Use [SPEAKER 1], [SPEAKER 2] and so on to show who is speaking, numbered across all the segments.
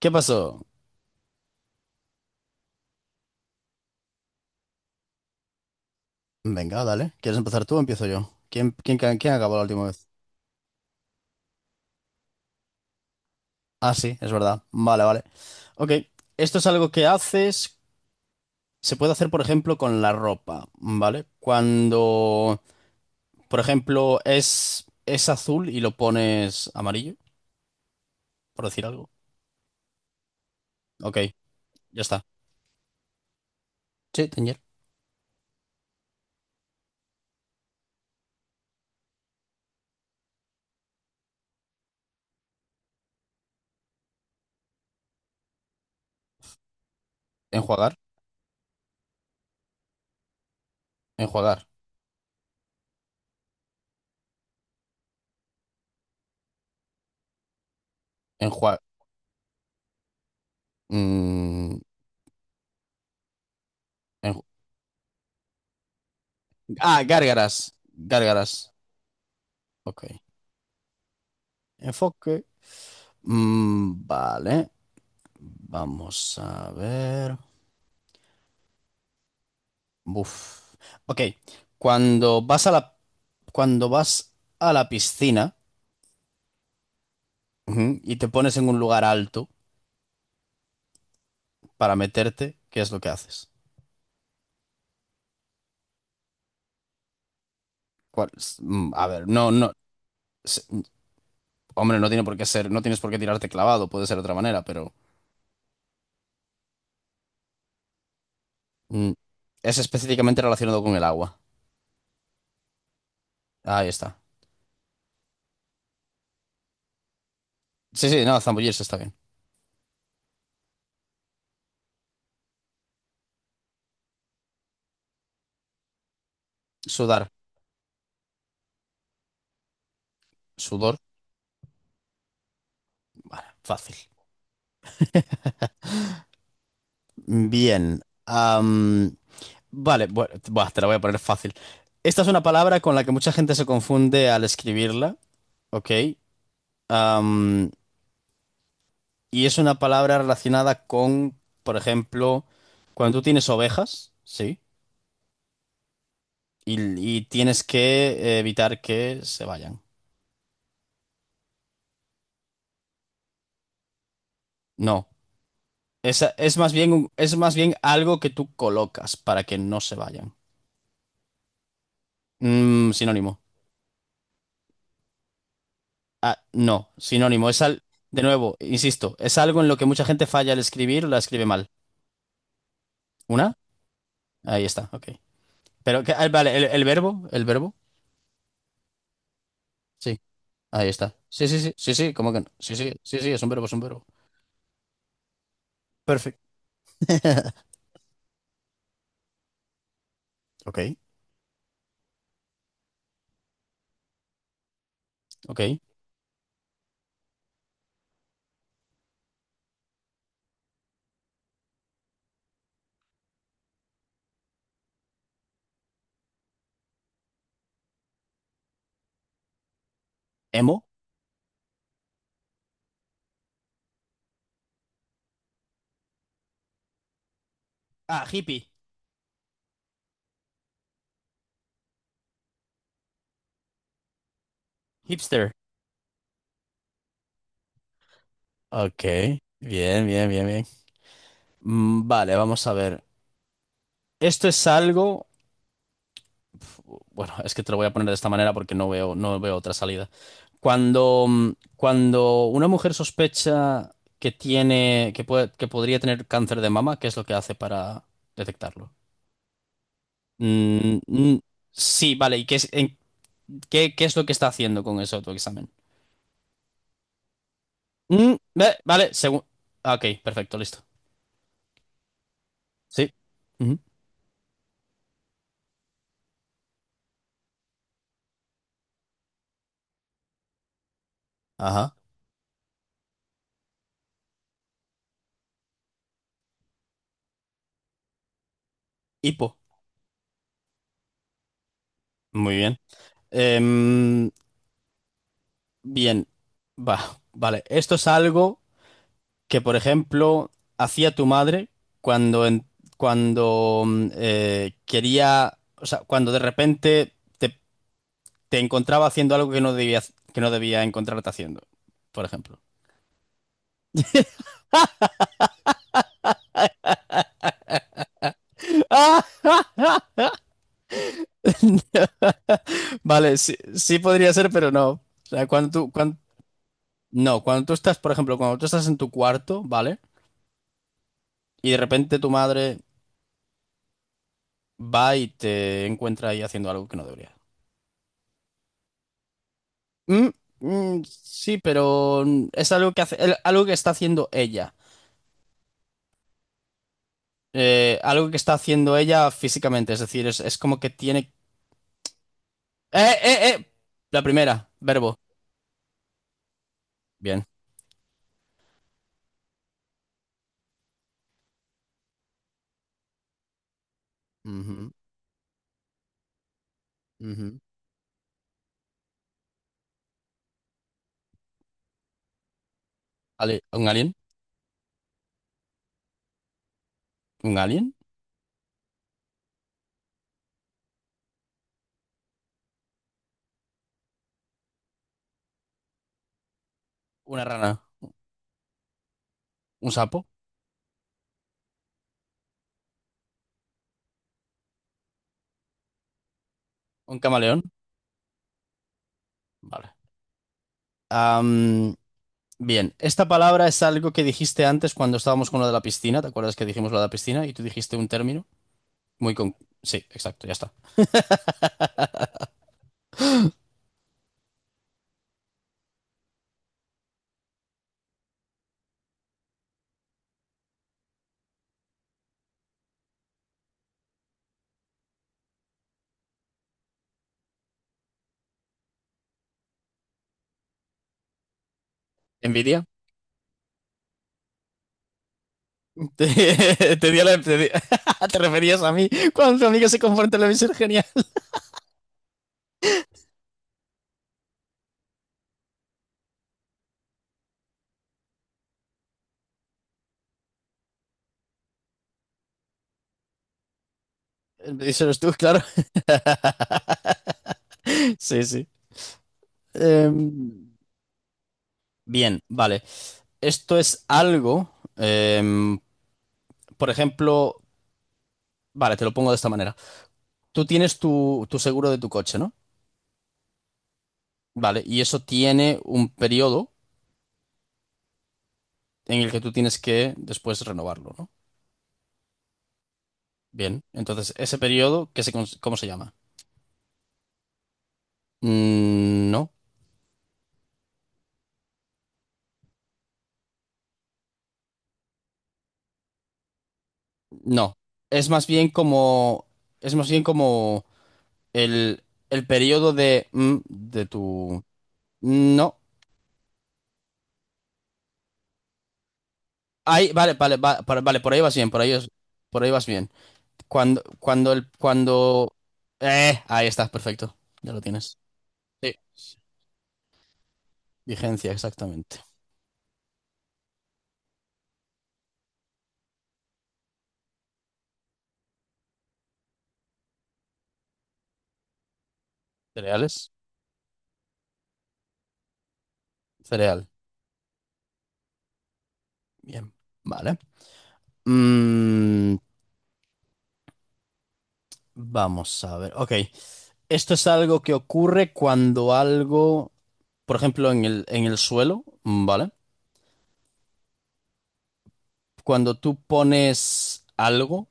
[SPEAKER 1] ¿Qué pasó? Venga, dale. ¿Quieres empezar tú o empiezo yo? ¿Quién acabó la última vez? Ah, sí, es verdad. Vale, vale. Ok, esto es algo que haces, se puede hacer, por ejemplo, con la ropa, ¿vale? Cuando, por ejemplo, es azul y lo pones amarillo, por decir algo. Ok, ya está. Sí, teñir. Enjuagar, enjuagar, enjuagar. Gárgaras, gárgaras. Ok. Enfoque. Vale. Vamos a ver. Buf. Ok. Cuando vas a la, Cuando vas a la piscina, ujú, y te pones en un lugar alto para meterte, ¿qué es lo que haces? ¿Cuál es? A ver, no, no. s- Hombre, no tiene por qué ser, no tienes por qué tirarte clavado, puede ser de otra manera, pero mm, es específicamente relacionado con el agua. Ahí está. Sí, sí, no, zambullirse está bien. Sudar, sudor, fácil. Bien. Vale, bueno, buah, te la voy a poner fácil. Esta es una palabra con la que mucha gente se confunde al escribirla, ¿ok? Am, y es una palabra relacionada con, por ejemplo, cuando tú tienes ovejas, ¿sí? Y, y tienes que evitar que se vayan. No, esa es más bien, es más bien algo que tú colocas para que no se vayan. Mm, sinónimo. Ah, no, sinónimo. Es al, de nuevo, insisto, es algo en lo que mucha gente falla al escribir o la escribe mal. ¿Una? Ahí está, ok. Pero, que, ah, vale, el verbo, el verbo. Sí, ahí está. Sí, sí, sí, sí, sí, ¿cómo que no? Sí, sí, sí, sí, es un verbo, es un verbo. Perfecto. Ok, ok. Emo. Ah, hippie, hipster. Ok, bien, bien, bien, bien. Vale, vamos a ver. Esto es algo... Uf, bueno, es que te lo voy a poner de esta manera porque no veo, no veo otra salida. Cuando, cuando una mujer sospecha que tiene, que puede, que podría tener cáncer de mama, ¿qué es lo que hace para detectarlo? Mm, mm, sí, vale. ¿Y qué es, qué, qué es lo que está haciendo con ese autoexamen? Mm, vale, según... Ok, perfecto, listo. Sí. Ujú. Ajá. Hipo. Muy bien. Em, Bien. Vale. Esto es algo que, por ejemplo, hacía tu madre cuando, cuando quería, o sea, cuando de repente te encontraba haciendo algo que no debía encontrarte haciendo, por ejemplo. Vale, sí, sí podría ser, pero no. O sea, no, cuando tú estás, por ejemplo, cuando tú estás en tu cuarto, ¿vale? Y de repente tu madre va y te encuentra ahí haciendo algo que no debería. Mm, mm, sí, pero es algo que hace, algo que está haciendo ella. Algo que está haciendo ella físicamente, es decir, es como que tiene... ¡Eh, eh! La primera, verbo. Bien. Ujú, ujú. ¿Un alien? ¿Un alien? ¿Una rana? ¿Un sapo? ¿Un camaleón? Vale. Bien, esta palabra es algo que dijiste antes cuando estábamos con lo de la piscina. ¿Te acuerdas que dijimos lo de la piscina y tú dijiste un término muy con... Sí, exacto, ya está. ¿Envidia? Te di te referías a mí cuando tu amiga se confronta en la misoginia. Eso eres tú, claro. Sí, sí. Em, Bien, vale. Esto es algo, em, por ejemplo, vale, te lo pongo de esta manera. Tú tienes tu seguro de tu coche, ¿no? Vale, y eso tiene un periodo en el que tú tienes que después renovarlo, ¿no? Bien, entonces ese periodo, ¿cómo se llama? Mm, no, no. Es más bien como, es más bien como el, el periodo de, de tu... No. Ahí, vale, vale, vale, por ahí vas bien, por ahí vas bien. Cuando... Ahí está, perfecto, ya lo tienes. Sí. Vigencia, exactamente. Cereales, cereal. Bien, vale. Mm, Vamos a ver. Ok. Esto es algo que ocurre cuando algo, por ejemplo, en el suelo, ¿vale? Cuando tú pones algo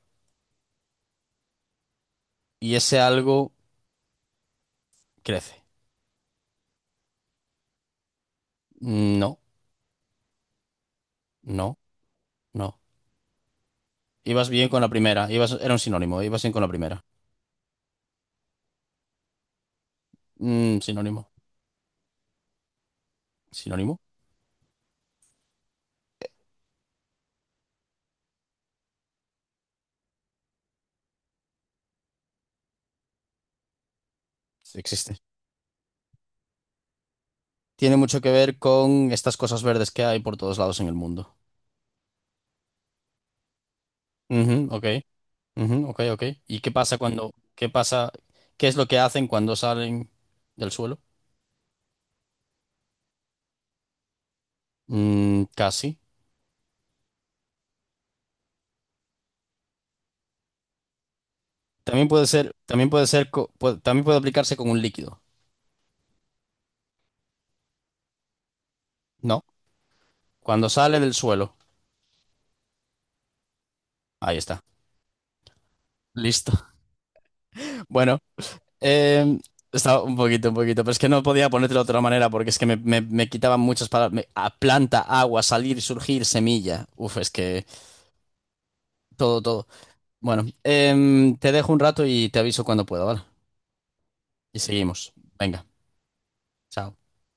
[SPEAKER 1] y ese algo crece. Mm, no, no, no. Ibas bien con la primera. Ibas, era un sinónimo. Ibas bien con la primera. Mm, sinónimo. Sinónimo. Sí, existe. Tiene mucho que ver con estas cosas verdes que hay por todos lados en el mundo. Ujú, ok. Ujú, ok, ok. ¿Y qué pasa cuando, qué pasa, ¿Qué es lo que hacen cuando salen del suelo? Mm, casi. También puede ser, también puede ser, también puede aplicarse con un líquido, ¿no? Cuando sale del suelo. Ahí está. Listo. Bueno, eh, estaba un poquito, pero es que no podía ponértelo de otra manera porque es que me quitaban muchas palabras. A planta, agua, salir, surgir, semilla. Uf, es que todo, todo. Bueno, te dejo un rato y te aviso cuando pueda, ¿vale? Y seguimos. Venga, chao.